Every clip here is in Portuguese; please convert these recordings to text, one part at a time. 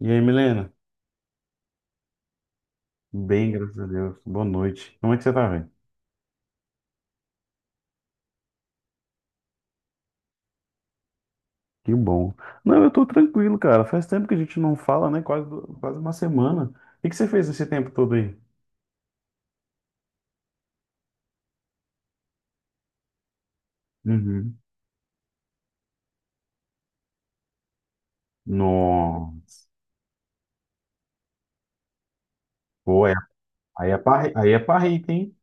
E aí, Milena? Bem, graças a Deus. Boa noite. Como é que você tá, velho? Que bom. Não, eu tô tranquilo, cara. Faz tempo que a gente não fala, né? Quase uma semana. O que que você fez esse tempo todo aí? Uhum. Nossa. Pô, aí é parri, aí é parrita, hein?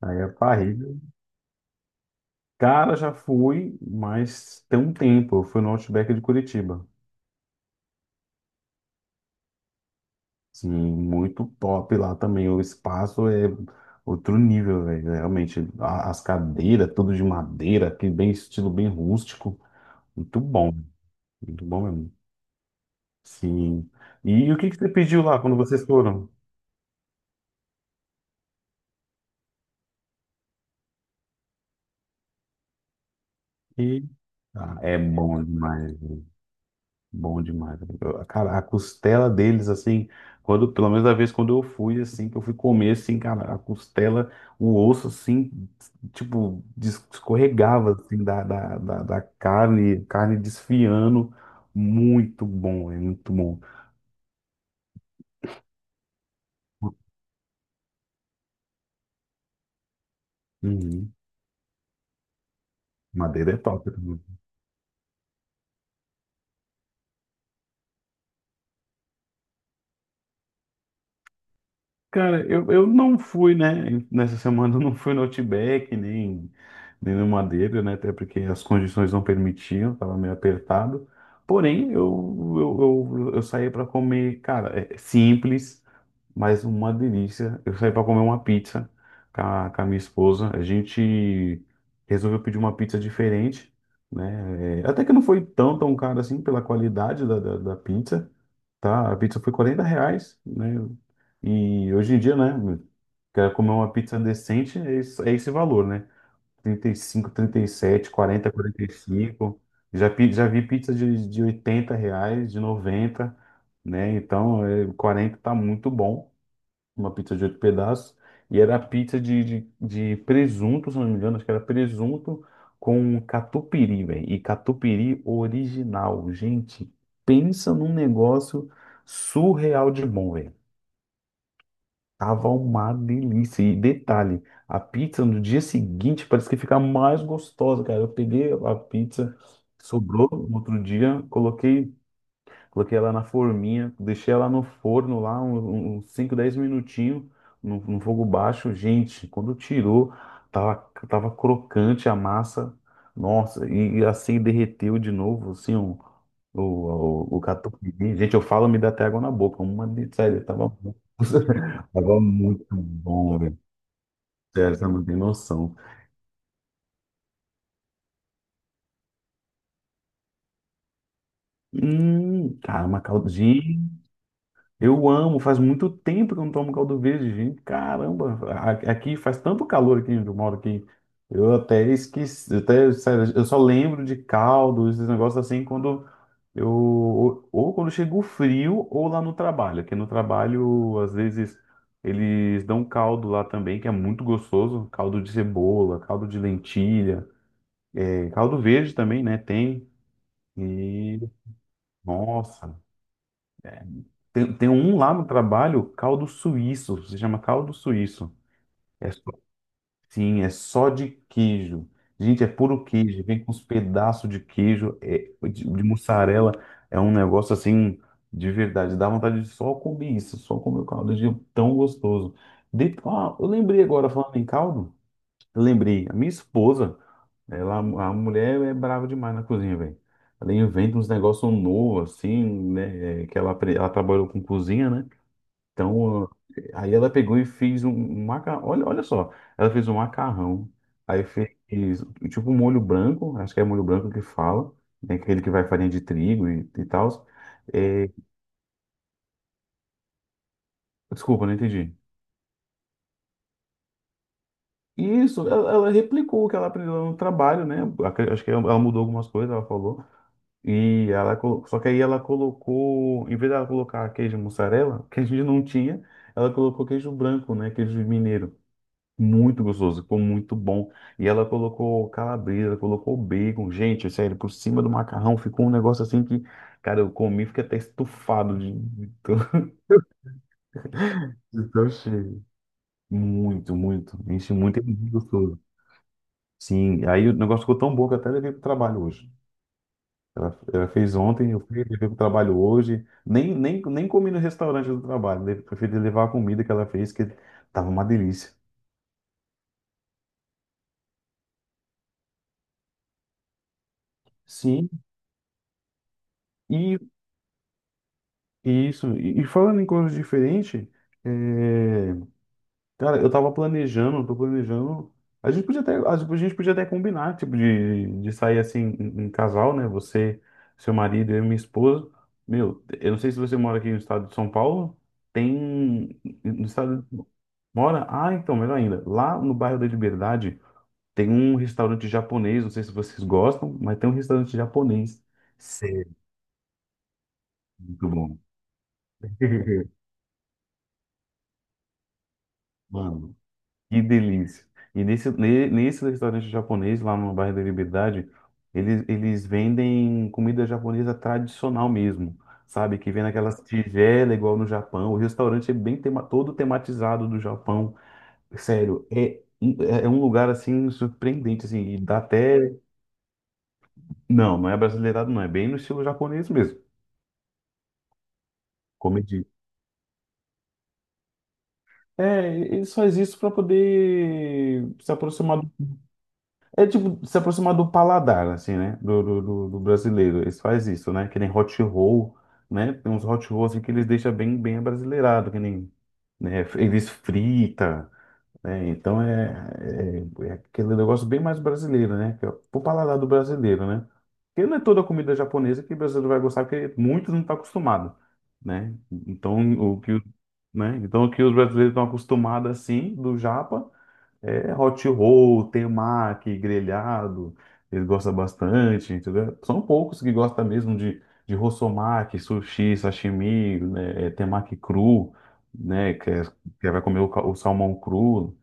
Aí é parrita. Cara, já fui, mas tem um tempo. Eu fui no Outback de Curitiba. Sim, muito top lá também. O espaço é outro nível, velho. Realmente, as cadeiras, tudo de madeira, que bem estilo bem rústico. Muito bom, muito bom mesmo. Sim. E o que que você pediu lá quando vocês foram? E é bom demais, viu? Bom demais. Cara, a costela deles assim, quando pelo menos da vez quando eu fui assim, que eu fui comer assim, cara, a costela, o osso assim, tipo, escorregava assim da carne, carne desfiando. Muito bom, é muito bom. Uhum. Madeira é top, né? Cara, eu não fui, né? Nessa semana eu não fui no Outback, nem no Madeira, né? Até porque as condições não permitiam, tava meio apertado. Porém, eu saí para comer, cara, é simples, mas uma delícia. Eu saí para comer uma pizza com a minha esposa. A gente resolveu pedir uma pizza diferente, né? É, até que não foi tão cara assim pela qualidade da pizza. Tá, a pizza foi R$ 40, né? E hoje em dia, né? Quero comer uma pizza decente, é esse valor, né? 35, 37, 40, 45. Já, já vi pizza de R$ 80, de 90, né? Então, 40 tá muito bom, uma pizza de oito pedaços, e era pizza de presunto, se não me engano, acho que era presunto com catupiry, velho, e catupiry original. Gente, pensa num negócio surreal de bom, velho. Tava uma delícia. E detalhe, a pizza no dia seguinte parece que fica mais gostosa, cara. Eu peguei a pizza, sobrou no outro dia, coloquei ela na forminha, deixei ela no forno lá uns 5, 10 minutinhos no fogo baixo. Gente, quando tirou, tava, tava crocante a massa. Nossa, e assim derreteu de novo, assim, o catupiry. Gente, eu falo, me dá até água na boca. Sério, tava, tava muito bom, velho. Sério, você não tem noção. Cara, uma caldinha. Eu amo, faz muito tempo que eu não tomo caldo verde, gente. Caramba, aqui faz tanto calor aqui onde eu moro que eu até esqueci, eu até, sério, eu só lembro de caldo, esses negócios assim, quando ou quando chega o frio ou lá no trabalho, que no trabalho, às vezes, eles dão caldo lá também, que é muito gostoso, caldo de cebola, caldo de lentilha, caldo verde também, né, tem, e, nossa. Tem um lá no trabalho, caldo suíço, se chama caldo suíço. É só- sim, é só de queijo. Gente, é puro queijo, vem com uns pedaços de queijo, de mussarela, é um negócio assim, de verdade, dá vontade de só comer isso, só comer o caldo, de tão gostoso. Eu lembrei agora, falando em caldo, eu lembrei, a minha esposa, a mulher é brava demais na cozinha, velho. Ela inventa uns negócios novos, assim, né, que ela trabalhou com cozinha, né? Então, aí ela pegou e fez um macarrão. Olha, olha só, ela fez um macarrão, aí fez tipo um molho branco, acho que é molho branco que fala, né? Aquele que vai farinha de trigo e tal. é, Desculpa, não entendi. Isso, ela replicou o que ela aprendeu no trabalho, né? Acho que ela mudou algumas coisas, ela falou. Só que aí ela colocou, em vez dela colocar queijo mussarela, que a gente não tinha, ela colocou queijo branco, né? Queijo mineiro. Muito gostoso, ficou muito bom. E ela colocou calabresa, colocou bacon. Gente, sério, por cima do macarrão ficou um negócio assim que, cara, eu comi, fiquei até estufado de, tão de tão cheio. Muito, muito. Enche muito, é muito gostoso. Sim, aí o negócio ficou tão bom que eu até levei pro trabalho hoje. Ela fez ontem, eu fui, levei pro trabalho hoje. Nem comi no restaurante do trabalho, preferi levar a comida que ela fez, que tava uma delícia. Sim. E Isso, e falando em coisas diferentes, é, cara, eu tava planejando, tô planejando. A gente podia até, a gente podia até combinar, tipo, de sair assim em casal, né? Você, seu marido, eu e minha esposa. Meu, eu não sei se você mora aqui no estado de São Paulo, tem. No estado. Mora? Ah, então, melhor ainda. Lá no bairro da Liberdade tem um restaurante japonês, não sei se vocês gostam, mas tem um restaurante japonês. Sério, muito bom. Mano, que delícia. E nesse restaurante japonês, lá no bairro da Liberdade, eles vendem comida japonesa tradicional mesmo, sabe? Que vem naquelas tigelas igual no Japão. O restaurante é bem tema, todo tematizado do Japão. Sério, é um lugar assim surpreendente, assim, e dá até. Não, não é brasileirado, não. É bem no estilo japonês mesmo. Comedi. É, ele só existe para poder se aproximar. É tipo se aproximar do paladar, assim, né? Do brasileiro. Eles faz isso, né? Que nem hot roll, né? Tem uns hot rolls assim, que eles deixam bem, bem abrasileirado, que nem, né? Eles frita, né? Então é aquele negócio bem mais brasileiro, né? Que é pro paladar do brasileiro, né? Porque não é toda comida japonesa que o brasileiro vai gostar, porque muitos não estão acostumados, né? Então o que, o- né? Então o que os brasileiros estão acostumados assim, do japa. É hot roll, temaki, grelhado, eles gostam bastante, entendeu? São poucos que gostam mesmo de rossomaki, sushi, sashimi, né, temaki cru, né, que é, vai comer o salmão cru,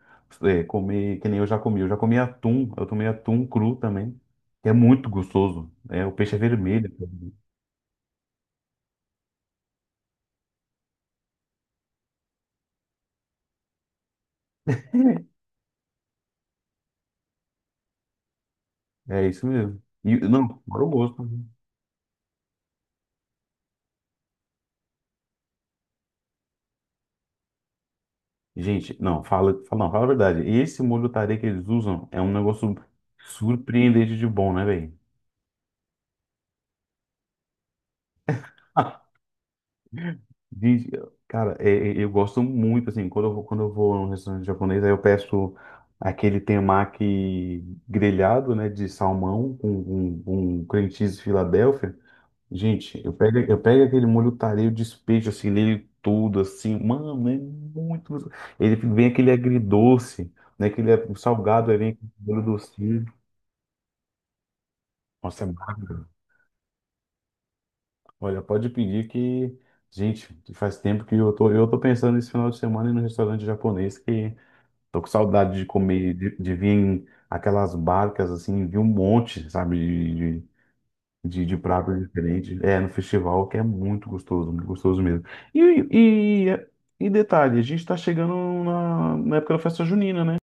comer, que nem eu já comi, atum, eu tomei atum cru também, que é muito gostoso, o peixe é vermelho. É isso mesmo. E, não, para o gosto, né? Gente, não, fala, fala, não, fala a verdade. Esse molho tarê que eles usam é um negócio surpreendente de bom, né, velho? Gente, cara, eu gosto muito, assim, quando eu vou, num restaurante japonês, aí eu peço aquele temaki grelhado, né, de salmão com cream cheese Filadélfia. Gente, eu pego, aquele molho tarê, eu despejo, assim, nele tudo, assim, mano, é muito. Ele vem aquele agridoce, né, aquele salgado, aí vem aquele molho doce. Nossa, é maravilhoso. Olha, pode pedir que. Gente, faz tempo que eu tô, pensando nesse final de semana ir no restaurante japonês que tô com saudade de comer, de, vir em aquelas barcas assim, vi um monte, sabe, de pratos diferentes. É, no festival que é muito gostoso mesmo. E, e, e detalhe, a gente tá chegando na época da festa junina, né?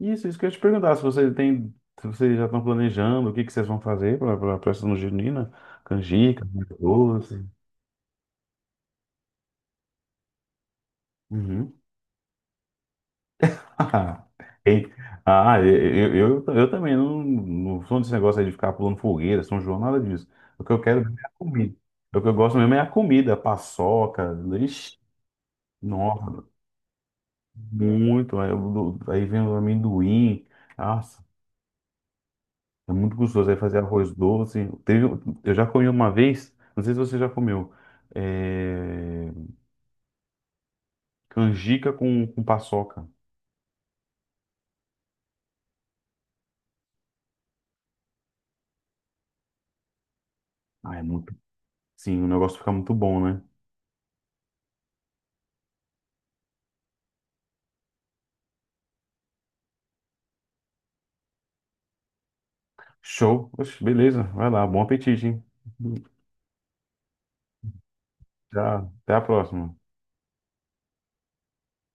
Isso que eu ia te perguntar, se você tem, se vocês já estão planejando o que que vocês vão fazer para a festa junina, canjica, doce. Uhum. Ei, ah, eu também não, não sou desse negócio aí de ficar pulando fogueira, São João, nada disso. O que eu quero mesmo é a comida. O que eu gosto mesmo é a comida, paçoca, ixi, nossa, muito. Aí, aí vem o amendoim, ah É muito gostoso. Aí fazer arroz doce. Teve, eu já comi uma vez, não sei se você já comeu, é, canjica com paçoca. Ah, é muito. Sim, o negócio fica muito bom, né? Show. Oxe, beleza. Vai lá. Bom apetite, hein? Já, até a próxima.